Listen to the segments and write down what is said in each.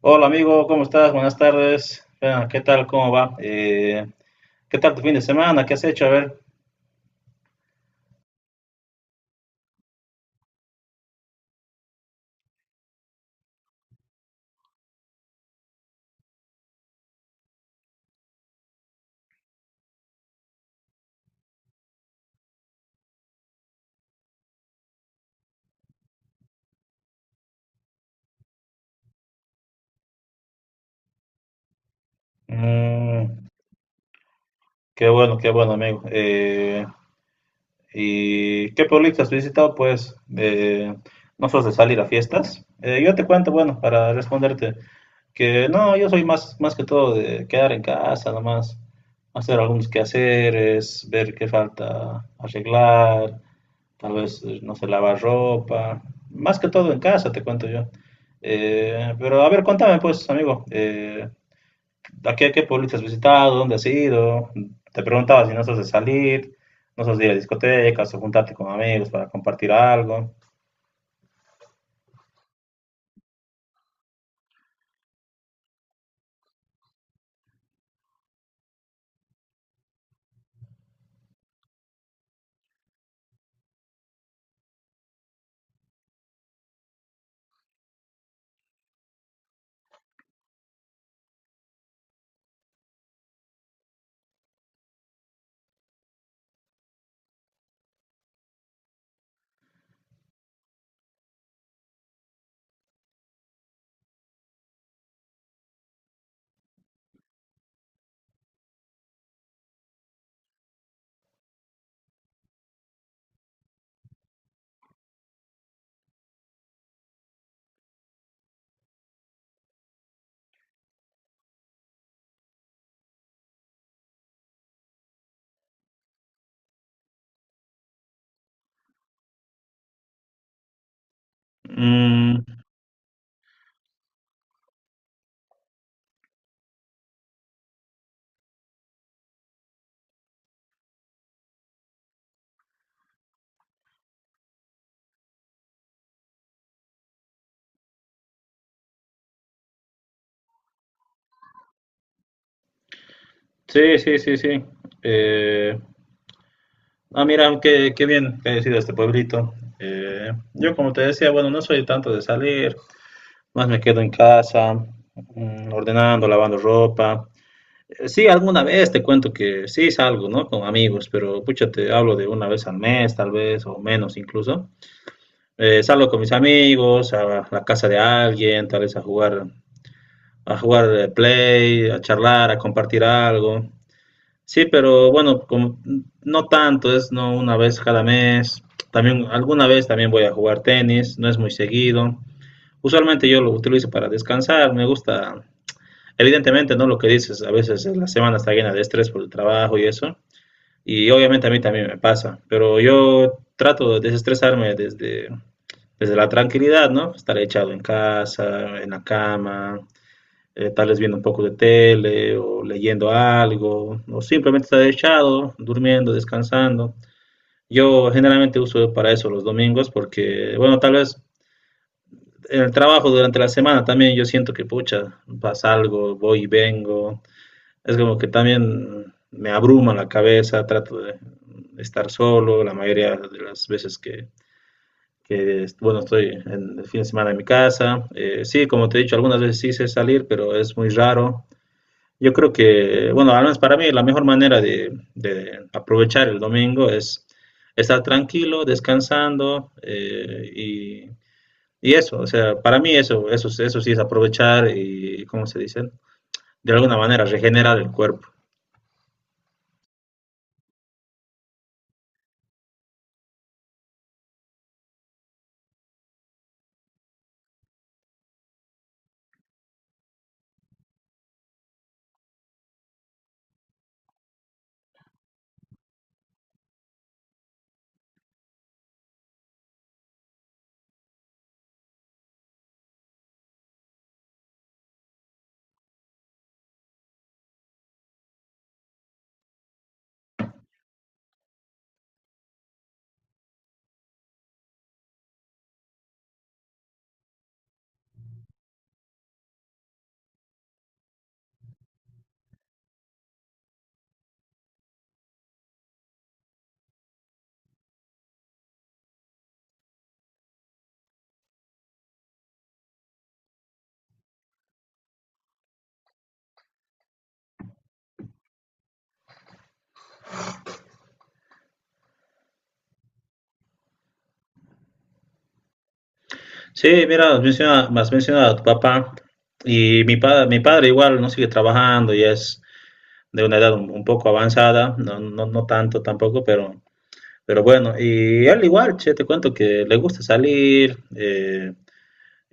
Hola amigo, ¿cómo estás? Buenas tardes. Ah, ¿qué tal? ¿Cómo va? ¿Qué tal tu fin de semana? ¿Qué has hecho? A ver. Mm, Qué bueno, qué bueno amigo. ¿Y qué pueblitos has visitado? Pues no sos de salir a fiestas. Yo te cuento, bueno, para responderte, que no, yo soy más que todo de quedar en casa, nomás hacer algunos quehaceres, ver qué falta arreglar. Tal vez, no se lava ropa, más que todo en casa, te cuento yo. Pero a ver, cuéntame pues, amigo, ¿Qué pueblito has visitado? ¿Dónde has ido? Te preguntaba si no sos de salir, no sos de ir a discotecas o juntarte con amigos para compartir algo. Mm, sí, sí, sí, sí. Eh, ah, mira, qué bien que he sido este pueblito. Yo, como te decía, bueno, no soy tanto de salir, más me quedo en casa, ordenando, lavando ropa. Sí, alguna vez te cuento que sí salgo, ¿no? Con amigos, pero pucha, te hablo de una vez al mes, tal vez, o menos incluso. Salgo con mis amigos a la casa de alguien, tal vez a jugar, play, a charlar, a compartir algo. Sí, pero bueno, como no tanto, es no una vez cada mes. También alguna vez también voy a jugar tenis, no es muy seguido. Usualmente yo lo utilizo para descansar, me gusta. Evidentemente, ¿no? Lo que dices, a veces la semana está llena de estrés por el trabajo y eso. Y obviamente a mí también me pasa, pero yo trato de desestresarme desde la tranquilidad, ¿no? Estar echado en casa, en la cama, tal vez viendo un poco de tele o leyendo algo, o simplemente estar echado, durmiendo, descansando. Yo generalmente uso para eso los domingos porque, bueno, tal vez en el trabajo durante la semana también yo siento que, pucha, pasa algo, voy y vengo, es como que también me abruma la cabeza, trato de estar solo la mayoría de las veces que, bueno, estoy en el fin de semana en mi casa. Sí, como te he dicho, algunas veces sí sé salir, pero es muy raro. Yo creo que, bueno, al menos para mí la mejor manera de aprovechar el domingo es estar tranquilo, descansando, y eso, o sea, para mí eso sí es aprovechar y, ¿cómo se dice? De alguna manera regenerar el cuerpo. Sí, mira, has mencionado a tu papá y mi padre igual no sigue trabajando y es de una edad un poco avanzada, no, no, no tanto tampoco, pero bueno, y él igual, che, te cuento que le gusta salir,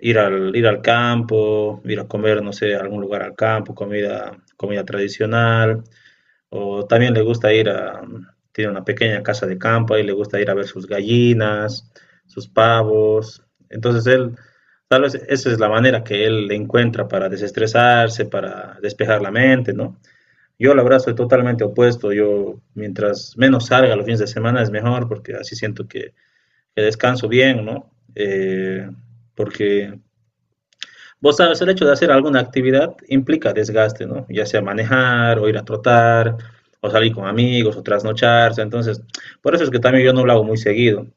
ir al campo, ir a comer, no sé, a algún lugar al campo, comida tradicional, o también le gusta tiene una pequeña casa de campo y le gusta ir a ver sus gallinas, sus pavos. Entonces él, tal vez esa es la manera que él encuentra para desestresarse, para despejar la mente, ¿no? Yo la verdad soy totalmente opuesto, yo mientras menos salga los fines de semana es mejor porque así siento que descanso bien, ¿no? Porque vos sabes, el hecho de hacer alguna actividad implica desgaste, ¿no? Ya sea manejar, o ir a trotar, o salir con amigos, o trasnocharse. Entonces, por eso es que también yo no lo hago muy seguido.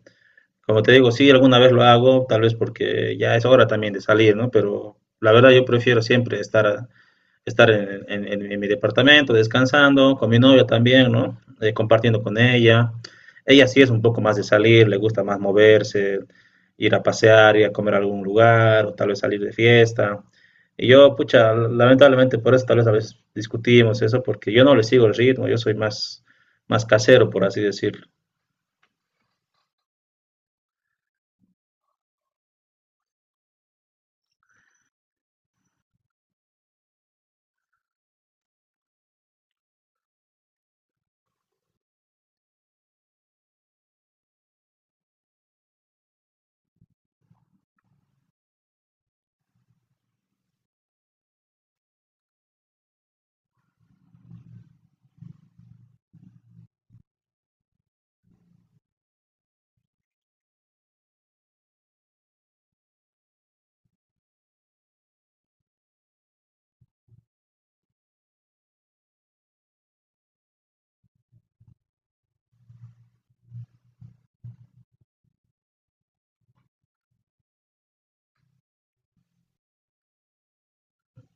Como te digo, sí, alguna vez lo hago, tal vez porque ya es hora también de salir, ¿no? Pero la verdad yo prefiero siempre estar en mi departamento descansando, con mi novia también, ¿no? Compartiendo con ella. Ella sí es un poco más de salir, le gusta más moverse, ir a pasear, ir a comer a algún lugar, o tal vez salir de fiesta. Y yo, pucha, lamentablemente por eso tal vez a veces discutimos eso, porque yo no le sigo el ritmo, yo soy más casero, por así decirlo.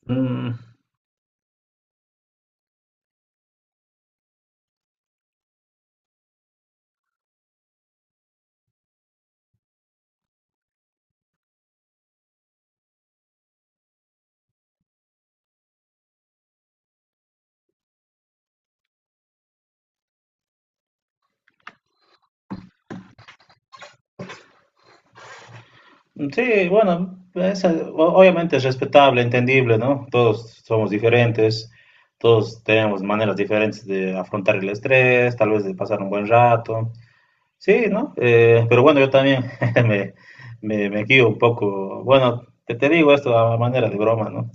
Mm, sí, bueno, obviamente es respetable, entendible, ¿no? Todos somos diferentes, todos tenemos maneras diferentes de afrontar el estrés, tal vez de pasar un buen rato. Sí, ¿no? Pero bueno, yo también me, me guío un poco, bueno, te digo esto a manera de broma, ¿no?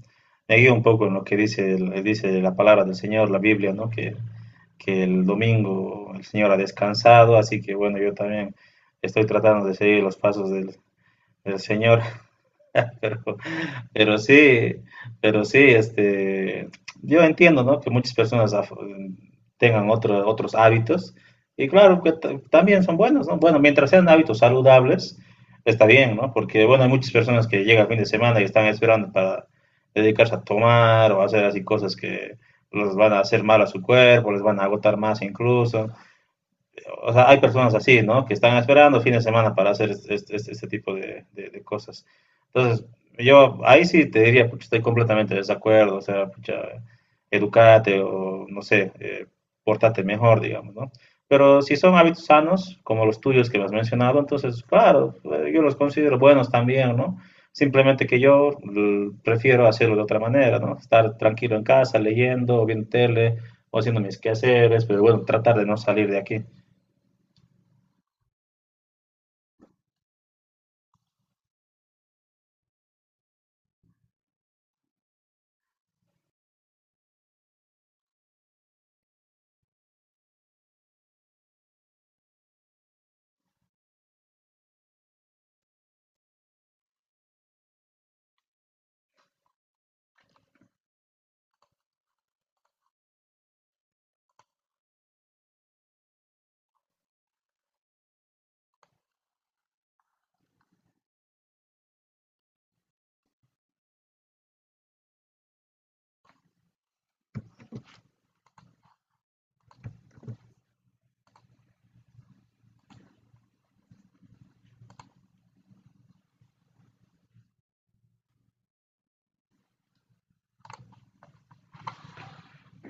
Me guío un poco en lo que dice, dice la palabra del Señor, la Biblia, ¿no? Que el domingo el Señor ha descansado, así que bueno, yo también estoy tratando de seguir los pasos del Señor. Pero, pero sí, pero sí, este, yo entiendo, ¿no? Que muchas personas tengan otros hábitos y claro que también son buenos, ¿no? Bueno, mientras sean hábitos saludables, está bien, ¿no? Porque, bueno, hay muchas personas que llegan el fin de semana y están esperando para dedicarse a tomar o hacer así cosas que los van a hacer mal a su cuerpo, les van a agotar más incluso. O sea, hay personas así, ¿no? Que están esperando fin de semana para hacer este tipo de cosas. Entonces, yo ahí sí te diría, pues, estoy completamente de desacuerdo, o sea, pucha, educate o, no sé, portate mejor, digamos, ¿no? Pero si son hábitos sanos, como los tuyos que me has mencionado, entonces, claro, yo los considero buenos también, ¿no? Simplemente que yo prefiero hacerlo de otra manera, ¿no? Estar tranquilo en casa, leyendo, o viendo tele, o haciendo mis quehaceres, pero bueno, tratar de no salir de aquí.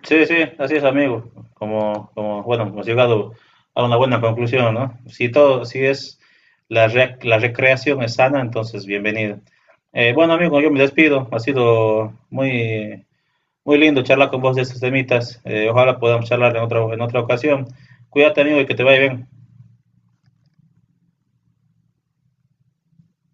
Sí, sí, así es, amigo. Como bueno, hemos llegado a una buena conclusión, ¿no? Si es la recreación es sana, entonces bienvenido. Bueno, amigo, yo me despido. Ha sido muy, muy lindo charlar con vos de estos temitas. Ojalá podamos charlar en otra ocasión. Cuídate, amigo, y que te vaya bien.